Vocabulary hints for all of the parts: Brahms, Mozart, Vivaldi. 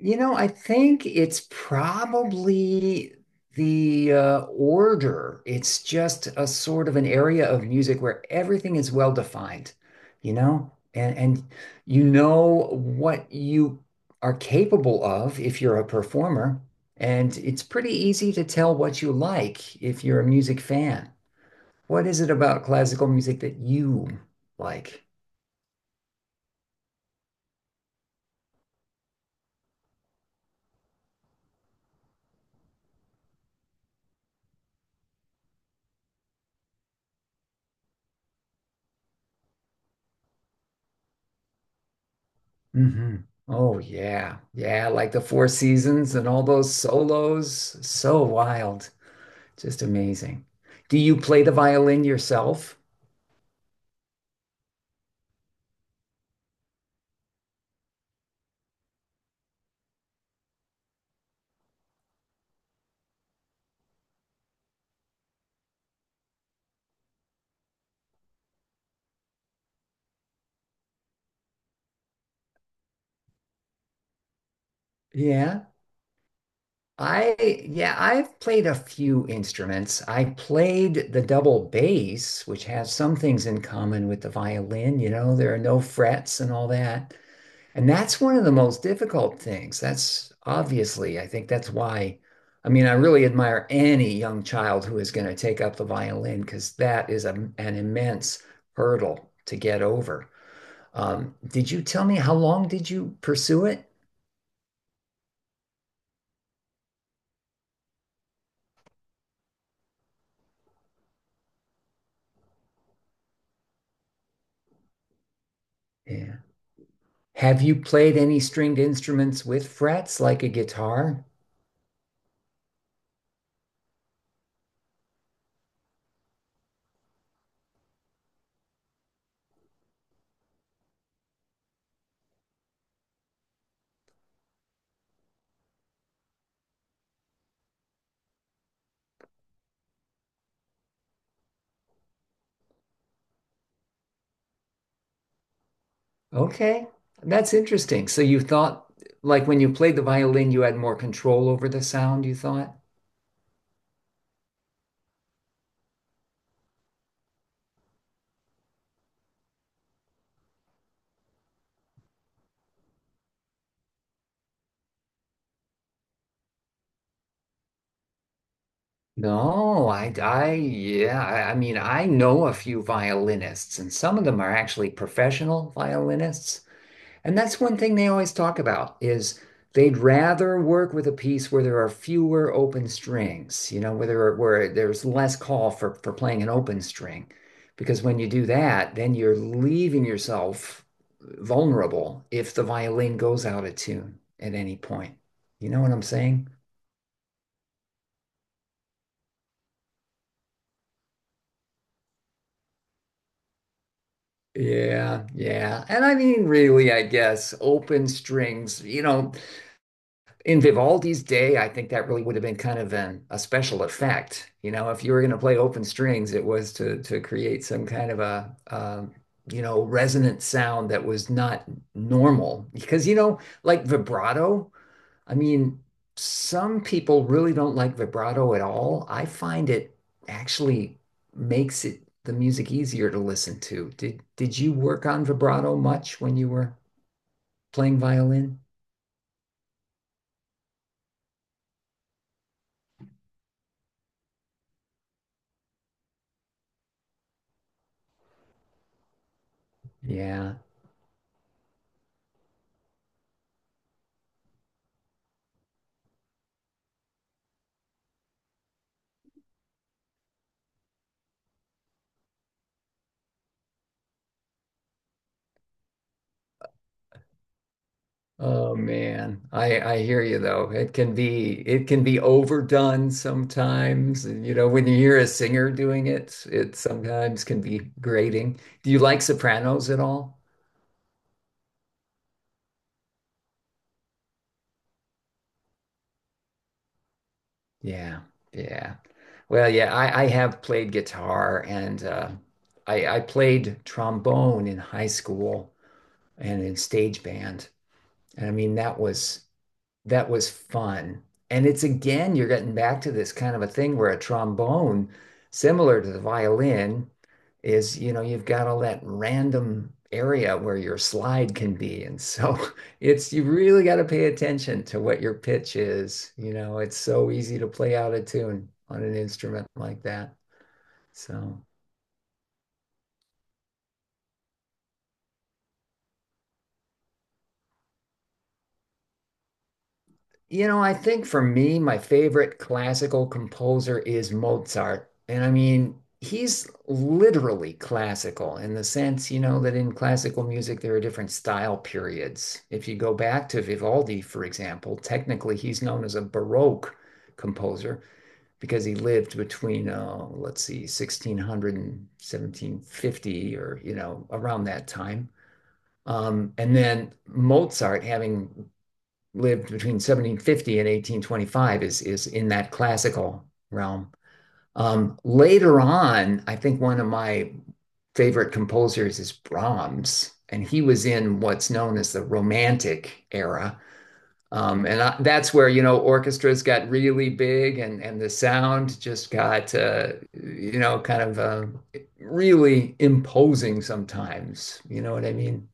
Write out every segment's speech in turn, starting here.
You know, I think it's probably the order. It's just a sort of an area of music where everything is well defined, you know, and you know what you are capable of if you're a performer, and it's pretty easy to tell what you like if you're a music fan. What is it about classical music that you like? Hmm. Oh yeah. Yeah, like the Four Seasons and all those solos. So wild. Just amazing. Do you play the violin yourself? Yeah. I yeah, I've played a few instruments. I played the double bass, which has some things in common with the violin, you know, there are no frets and all that. And that's one of the most difficult things. That's obviously, I think that's why, I mean, I really admire any young child who is going to take up the violin because that is an immense hurdle to get over. Did you tell me How long did you pursue it? Yeah. Have you played any stringed instruments with frets like a guitar? Okay, that's interesting. So you thought, like when you played the violin, you had more control over the sound, you thought? No, yeah, I mean, I know a few violinists, and some of them are actually professional violinists. And that's one thing they always talk about is they'd rather work with a piece where there are fewer open strings, you know, where there's less call for playing an open string, because when you do that, then you're leaving yourself vulnerable if the violin goes out of tune at any point. You know what I'm saying? Yeah, yeah. And I mean, really, I guess open strings, you know, in Vivaldi's day, I think that really would have been kind of a special effect. You know, if you were going to play open strings, it was to create some kind of a you know, resonant sound that was not normal. Because, you know, like vibrato, I mean, some people really don't like vibrato at all. I find it actually makes it the music easier to listen to. Did you work on vibrato much when you were playing violin? Yeah. Oh man. I hear you though. It can be overdone sometimes. And, you know, when you hear a singer doing it, it sometimes can be grating. Do you like sopranos at all? Yeah, yeah. Well, yeah, I have played guitar and I played trombone in high school and in stage band. And I mean, that was fun. And it's again, you're getting back to this kind of a thing where a trombone, similar to the violin, is, you know, you've got all that random area where your slide can be. And so it's, you really got to pay attention to what your pitch is. You know, it's so easy to play out of tune on an instrument like that. So you know, I think for me, my favorite classical composer is Mozart. And I mean, he's literally classical in the sense, you know, that in classical music, there are different style periods. If you go back to Vivaldi, for example, technically he's known as a Baroque composer because he lived between, let's see, 1600 and 1750, or, you know, around that time. And then Mozart, having lived between 1750 and 1825 is in that classical realm. Later on, I think one of my favorite composers is Brahms, and he was in what's known as the Romantic era. That's where you know orchestras got really big, and the sound just got you know, kind of really imposing sometimes. You know what I mean?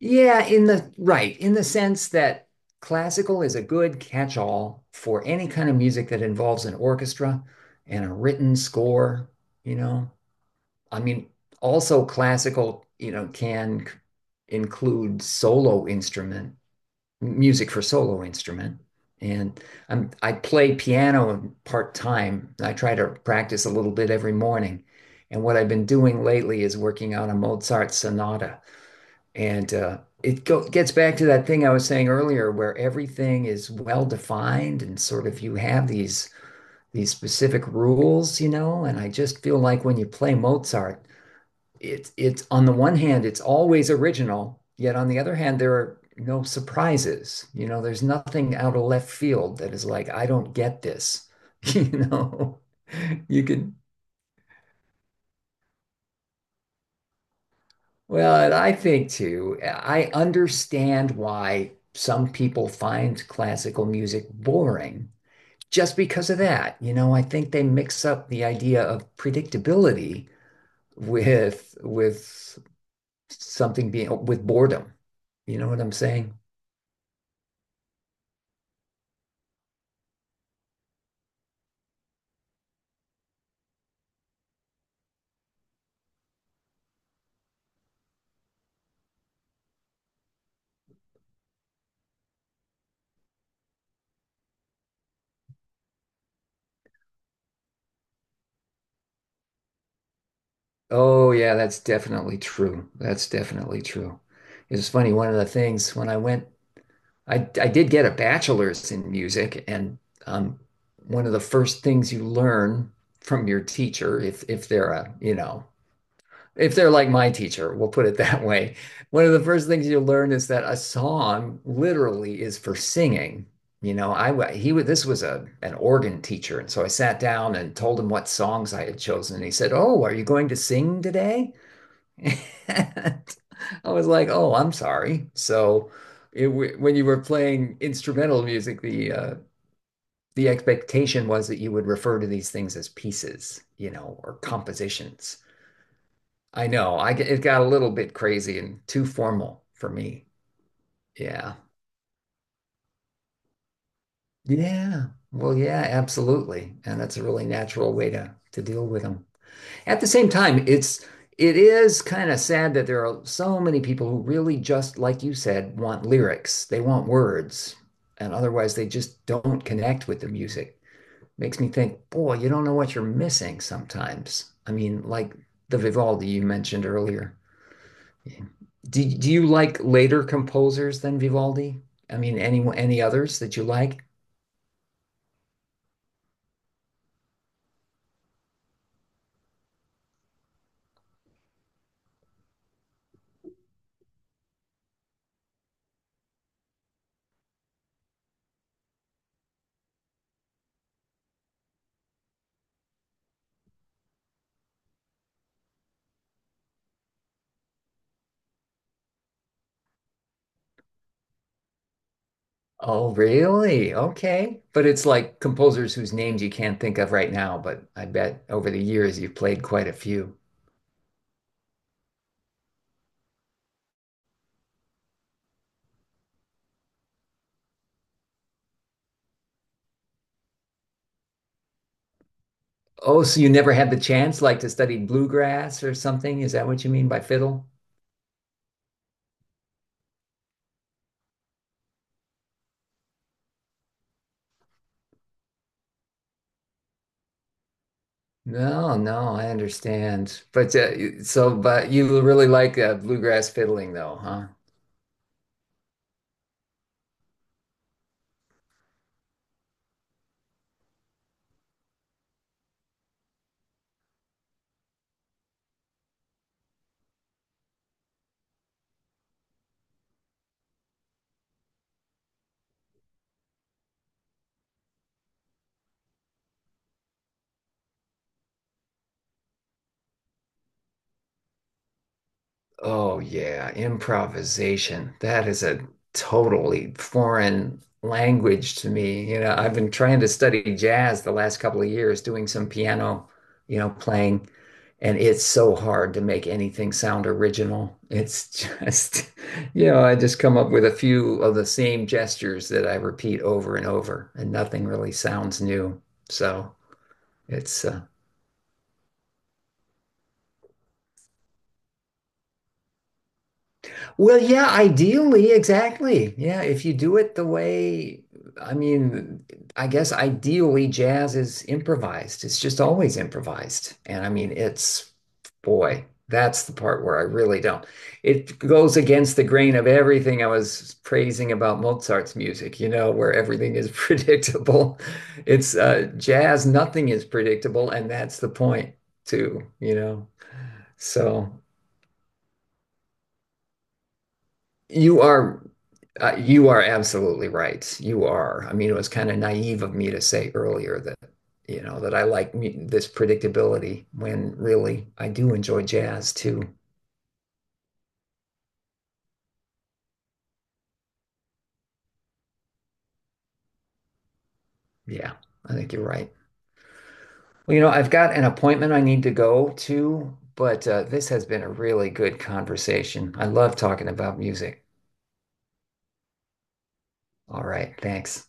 Yeah, in the right, in the sense that classical is a good catch-all for any kind of music that involves an orchestra and a written score, you know. I mean, also classical, you know, include solo instrument, music for solo instrument. And I play piano part-time. I try to practice a little bit every morning. And what I've been doing lately is working on a Mozart sonata. And it go gets back to that thing I was saying earlier, where everything is well defined and sort of you have these specific rules, you know. And I just feel like when you play Mozart, it's on the one hand, it's always original, yet on the other hand, there are no surprises. You know, there's nothing out of left field that is like, I don't get this, you know. You can well, and I think too, I understand why some people find classical music boring just because of that. You know, I think they mix up the idea of predictability with something being with boredom. You know what I'm saying? Oh yeah, that's definitely true. That's definitely true. It's funny, one of the things when I did get a bachelor's in music, and um, one of the first things you learn from your teacher, if they're a, you know, if they're like my teacher, we'll put it that way. One of the first things you learn is that a song literally is for singing. You know, I he was this was a an organ teacher, and so I sat down and told him what songs I had chosen, and he said, "Oh, are you going to sing today?" And I was like, oh, I'm sorry. So when you were playing instrumental music, the expectation was that you would refer to these things as pieces, you know, or compositions. I know, I g- It got a little bit crazy and too formal for me. Yeah. Yeah. Well, yeah, absolutely. And that's a really natural way to deal with them. At the same time, it is kind of sad that there are so many people who really just, like you said, want lyrics. They want words, and otherwise they just don't connect with the music. Makes me think, boy, you don't know what you're missing sometimes. I mean, like the Vivaldi you mentioned earlier. Do you like later composers than Vivaldi? I mean, any others that you like? Oh, really? Okay. But it's like composers whose names you can't think of right now, but I bet over the years you've played quite a few. Oh, so you never had the chance like to study bluegrass or something? Is that what you mean by fiddle? No, no, I understand. But but you really like bluegrass fiddling though, huh? Oh, yeah, improvisation. That is a totally foreign language to me. You know, I've been trying to study jazz the last couple of years, doing some piano, you know, playing, and it's so hard to make anything sound original. It's just, you know, I just come up with a few of the same gestures that I repeat over and over, and nothing really sounds new. So it's well, yeah, ideally, exactly. Yeah, if you do it the way, I mean, I guess ideally jazz is improvised. It's just always improvised. And I mean, it's, boy, that's the part where I really don't. It goes against the grain of everything I was praising about Mozart's music, you know, where everything is predictable. It's Jazz, nothing is predictable, and that's the point too, you know. So. You are you are absolutely right. You are. I mean, it was kind of naive of me to say earlier that, you know, that I like this predictability when really I do enjoy jazz too. Yeah, I think you're right. Well, you know, I've got an appointment I need to go to, but this has been a really good conversation. I love talking about music. All right, thanks.